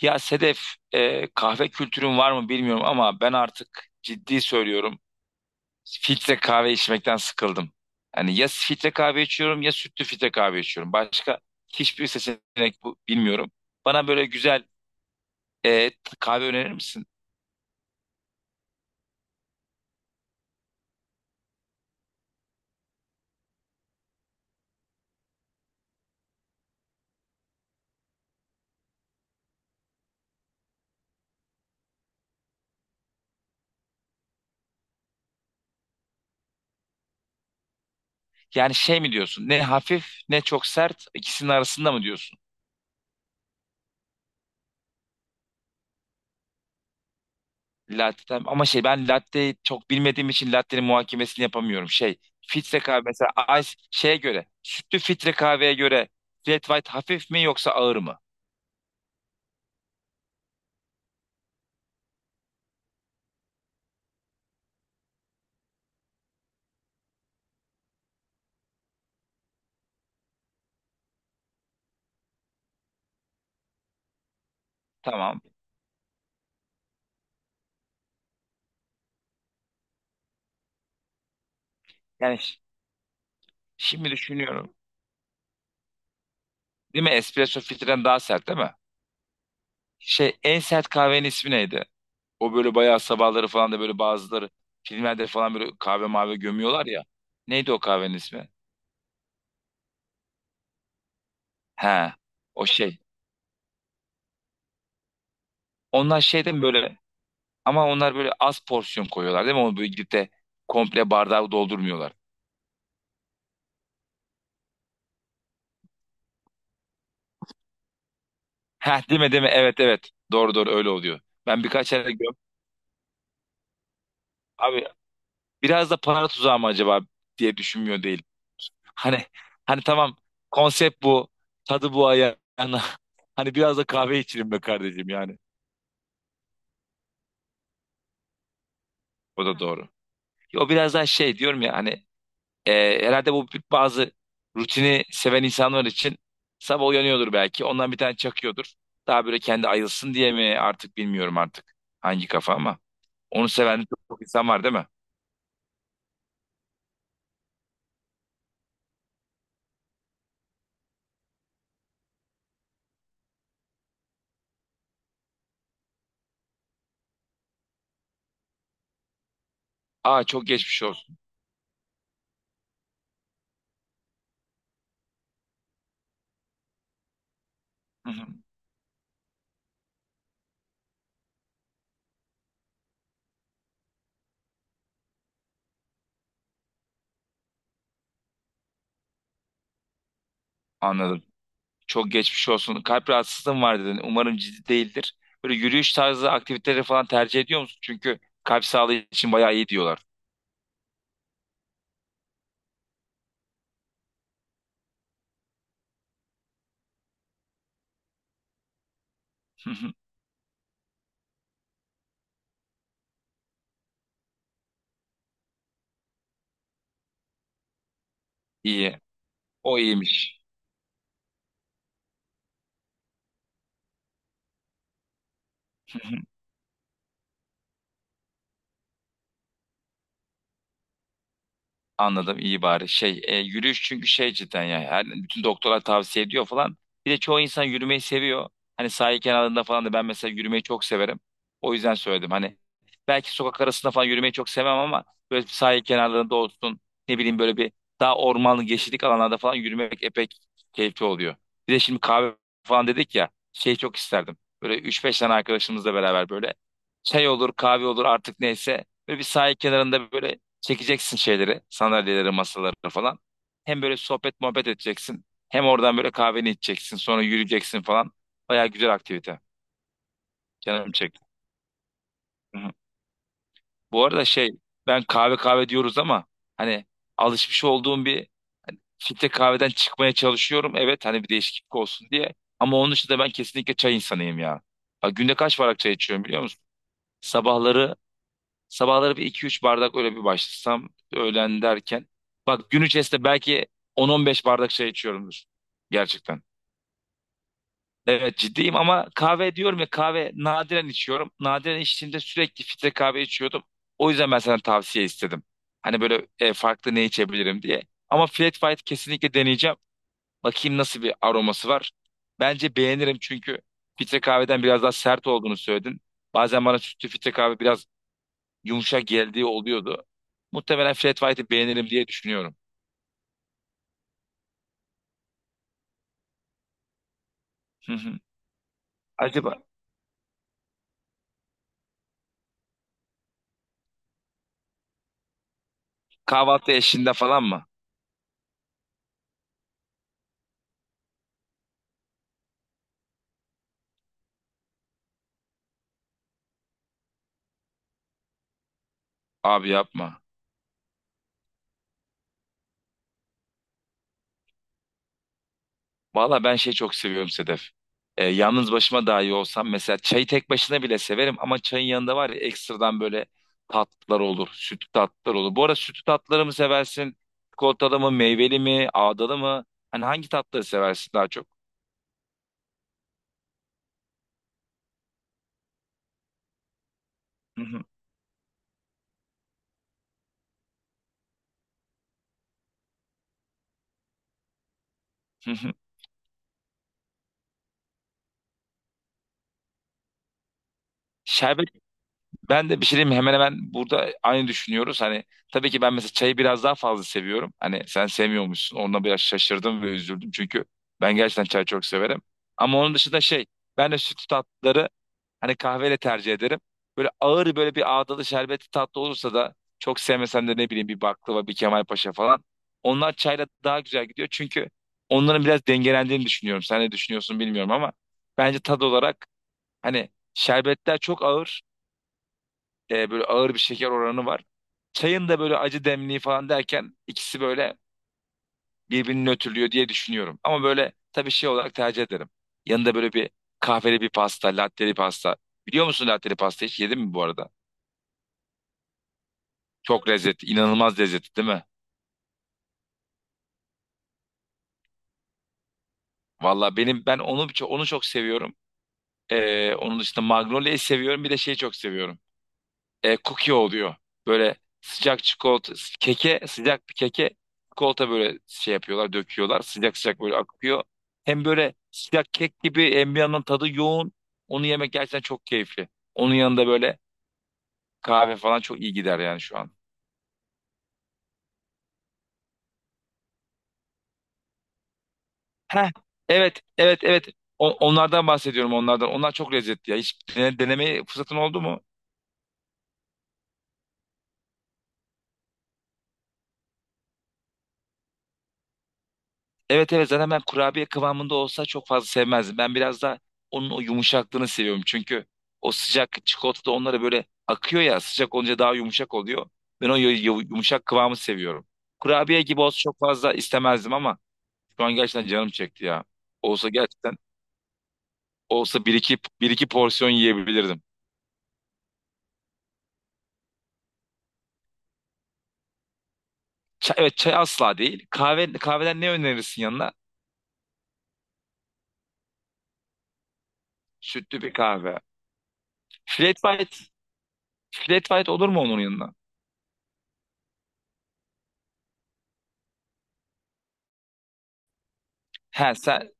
Ya Sedef, kahve kültürün var mı bilmiyorum ama ben artık ciddi söylüyorum. Filtre kahve içmekten sıkıldım. Yani ya filtre kahve içiyorum ya sütlü filtre kahve içiyorum. Başka hiçbir seçenek bu bilmiyorum. Bana böyle güzel e, kahve önerir misin? Yani şey mi diyorsun? Ne hafif ne çok sert ikisinin arasında mı diyorsun? Latte'den ama şey ben latte çok bilmediğim için latte'nin muhakemesini yapamıyorum. Şey filtre kahve mesela ice şeye göre sütlü filtre kahveye göre flat white hafif mi yoksa ağır mı? Tamam. Yani şimdi düşünüyorum. Değil mi? Espresso filtreden daha sert değil mi? Şey en sert kahvenin ismi neydi? O böyle bayağı sabahları falan da böyle bazıları filmlerde falan böyle kahve mavi gömüyorlar ya. Neydi o kahvenin ismi? He. O şey. Onlar şeyden böyle ama onlar böyle az porsiyon koyuyorlar değil mi? Onu böyle gidip de komple bardağı doldurmuyorlar. Heh, değil mi değil mi? Evet, evet. Doğru doğru öyle oluyor. Ben birkaç yerde gördüm. Abi biraz da para tuzağı mı acaba diye düşünmüyor değil. Hani hani tamam, konsept bu. Tadı bu ayağına. Hani biraz da kahve içelim be kardeşim yani. O da doğru. Ya, o biraz daha şey diyorum ya hani, herhalde bu bazı rutini seven insanlar için sabah uyanıyordur belki. Ondan bir tane çakıyordur. Daha böyle kendi ayılsın diye mi artık, bilmiyorum artık hangi kafa ama. Onu seven çok çok insan var değil mi? Aa, çok geçmiş olsun. Hı hı. Anladım. Çok geçmiş olsun. Kalp rahatsızlığın var dedin. Umarım ciddi değildir. Böyle yürüyüş tarzı aktiviteleri falan tercih ediyor musun? Çünkü kalp sağlığı için bayağı iyi diyorlar. Hı hı. İyi. O iyiymiş. Anladım, iyi bari. Şey yürüyüş çünkü şey cidden ya. Bütün doktorlar tavsiye ediyor falan. Bir de çoğu insan yürümeyi seviyor. Hani sahil kenarında falan da ben mesela yürümeyi çok severim. O yüzden söyledim hani. Belki sokak arasında falan yürümeyi çok sevmem ama böyle sahil kenarlarında olsun, ne bileyim böyle bir daha ormanlık yeşillik alanlarda falan yürümek epey keyifli oluyor. Bir de şimdi kahve falan dedik ya, şey çok isterdim. Böyle üç beş tane arkadaşımızla beraber böyle çay olur kahve olur artık, neyse. Böyle bir sahil kenarında böyle çekeceksin şeyleri, sandalyeleri, masaları falan. Hem böyle sohbet muhabbet edeceksin, hem oradan böyle kahveni içeceksin. Sonra yürüyeceksin falan. Baya güzel aktivite. Canım çekti. Hı hı. Bu arada şey, ben kahve kahve diyoruz ama hani alışmış olduğum bir filtre kahveden çıkmaya çalışıyorum. Evet, hani bir değişiklik olsun diye. Ama onun dışında ben kesinlikle çay insanıyım ya. Ha, günde kaç bardak çay içiyorum biliyor musun? Sabahları Sabahları bir iki üç bardak, öyle bir başlasam öğlen derken. Bak, gün içerisinde belki 10-15 bardak şey içiyorumdur. Gerçekten. Evet ciddiyim ama kahve diyorum ya, kahve nadiren içiyorum. Nadiren içtiğimde sürekli filtre kahve içiyordum. O yüzden ben sana tavsiye istedim. Hani böyle farklı ne içebilirim diye. Ama Flat White kesinlikle deneyeceğim. Bakayım nasıl bir aroması var. Bence beğenirim çünkü filtre kahveden biraz daha sert olduğunu söyledin. Bazen bana sütlü filtre kahve biraz yumuşak geldiği oluyordu. Muhtemelen Fred White'i beğenirim diye düşünüyorum. Hı hı. Acaba kahvaltı eşliğinde falan mı? Abi yapma. Valla ben şey çok seviyorum Sedef. Yalnız başıma daha iyi olsam mesela, çayı tek başına bile severim ama çayın yanında var ya, ekstradan böyle tatlılar olur. Sütlü tatlılar olur. Bu arada, sütlü tatlıları mı seversin? Çikolatalı mı, meyveli mi, ağdalı mı? Hani hangi tatları seversin daha çok? Hı hı, hı hı. Şerbet Ben de bir şey diyeyim mi? Hemen hemen burada aynı düşünüyoruz. Hani tabii ki ben mesela çayı biraz daha fazla seviyorum. Hani sen sevmiyormuşsun. Onunla biraz şaşırdım ve üzüldüm. Çünkü ben gerçekten çay çok severim. Ama onun dışında şey, ben de sütlü tatlıları hani kahveyle tercih ederim. Böyle ağır, böyle bir ağdalı şerbetli tatlı olursa da, çok sevmesem de, ne bileyim, bir baklava bir Kemalpaşa falan. Onlar çayla daha güzel gidiyor. Çünkü onların biraz dengelendiğini düşünüyorum. Sen ne düşünüyorsun bilmiyorum ama bence tad olarak hani şerbetler çok ağır, böyle ağır bir şeker oranı var. Çayın da böyle acı demliği falan derken, ikisi böyle birbirini nötrlüyor diye düşünüyorum. Ama böyle tabii şey olarak tercih ederim. Yanında böyle bir kahveli bir pasta, latteli pasta. Biliyor musun, latteli pasta hiç yedin mi bu arada? Çok lezzetli, inanılmaz lezzetli değil mi? Valla ben onu çok seviyorum. Onun dışında Magnolia'yı seviyorum, bir de şeyi çok seviyorum. Cookie oluyor. Böyle sıcak çikolata, sıcak bir keke çikolata böyle şey yapıyorlar, döküyorlar. Sıcak sıcak böyle akıyor. Hem böyle sıcak kek gibi, hem bir yandan tadı yoğun. Onu yemek gerçekten çok keyifli. Onun yanında böyle kahve falan çok iyi gider yani şu an. Heh, evet, evet, evet. Onlardan bahsediyorum, onlardan. Onlar çok lezzetli ya. Hiç denemeye fırsatın oldu mu? Evet, evet, zaten ben kurabiye kıvamında olsa çok fazla sevmezdim. Ben biraz daha onun o yumuşaklığını seviyorum. Çünkü o sıcak çikolata da onlara böyle akıyor ya, sıcak olunca daha yumuşak oluyor. Ben o yumuşak kıvamı seviyorum. Kurabiye gibi olsa çok fazla istemezdim ama şu an gerçekten canım çekti ya. Olsa gerçekten, olsa bir iki porsiyon yiyebilirdim. Çay, evet çay asla değil. Kahve, kahveden ne önerirsin yanına? Sütlü bir kahve. Flat white, flat white olur mu onun yanına? He.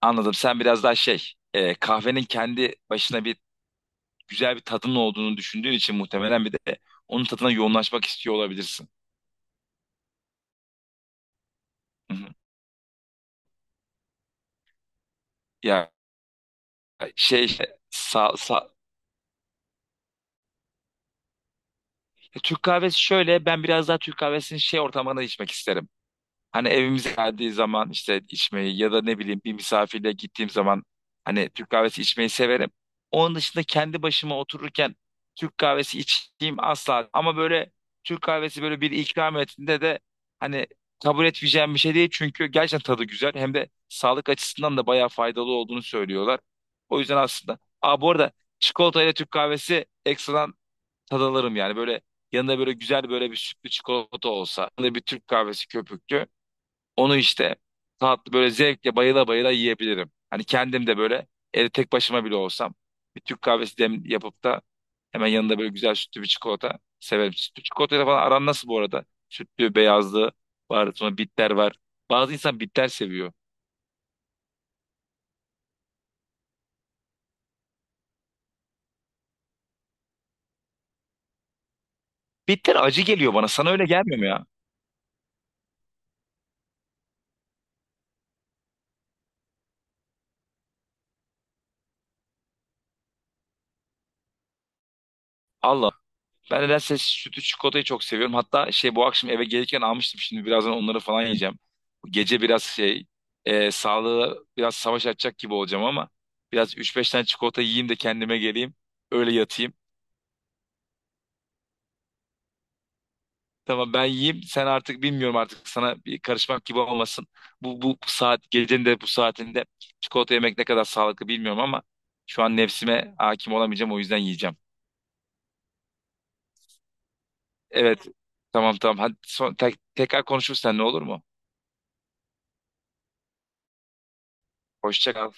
Anladım. Sen biraz daha şey, kahvenin kendi başına bir güzel bir tadının olduğunu düşündüğün için muhtemelen bir de onun tadına yoğunlaşmak istiyor olabilirsin. Hı hı. Ya şey, işte, Türk kahvesi şöyle, ben biraz daha Türk kahvesini şey ortamında içmek isterim. Hani evimize geldiği zaman işte içmeyi, ya da ne bileyim bir misafirle gittiğim zaman hani Türk kahvesi içmeyi severim. Onun dışında kendi başıma otururken Türk kahvesi içtiğim asla. Ama böyle Türk kahvesi böyle bir ikram ettiğinde de hani kabul etmeyeceğim bir şey değil. Çünkü gerçekten tadı güzel. Hem de sağlık açısından da bayağı faydalı olduğunu söylüyorlar. O yüzden aslında. Aa, bu arada çikolata ile Türk kahvesi ekstradan tad alırım yani. Böyle yanında böyle güzel böyle bir sütlü çikolata olsa. Yanında bir Türk kahvesi köpüklü. Onu işte tatlı böyle zevkle bayıla bayıla yiyebilirim. Hani kendim de böyle evde tek başıma bile olsam, bir Türk kahvesi dem yapıp da hemen yanında böyle güzel sütlü bir çikolata severim. Sütlü çikolatayla falan aran nasıl bu arada? Sütlü, beyazlı var, sonra bitter var. Bazı insan bitter seviyor. Bitter acı geliyor bana. Sana öyle gelmiyor mu ya? Allah. Ben nedense sütü çikolatayı çok seviyorum. Hatta şey, bu akşam eve gelirken almıştım. Şimdi birazdan onları falan yiyeceğim. Gece biraz şey, sağlığı biraz savaş açacak gibi olacağım ama biraz üç beş tane çikolata yiyeyim de kendime geleyim. Öyle yatayım. Tamam, ben yiyeyim. Sen artık bilmiyorum, artık sana bir karışmak gibi olmasın. Bu saat, gecenin de bu saatinde çikolata yemek ne kadar sağlıklı bilmiyorum ama şu an nefsime hakim olamayacağım, o yüzden yiyeceğim. Evet. Tamam, tamam. Hadi tekrar konuşuruz seninle, olur mu? Hoşça kal.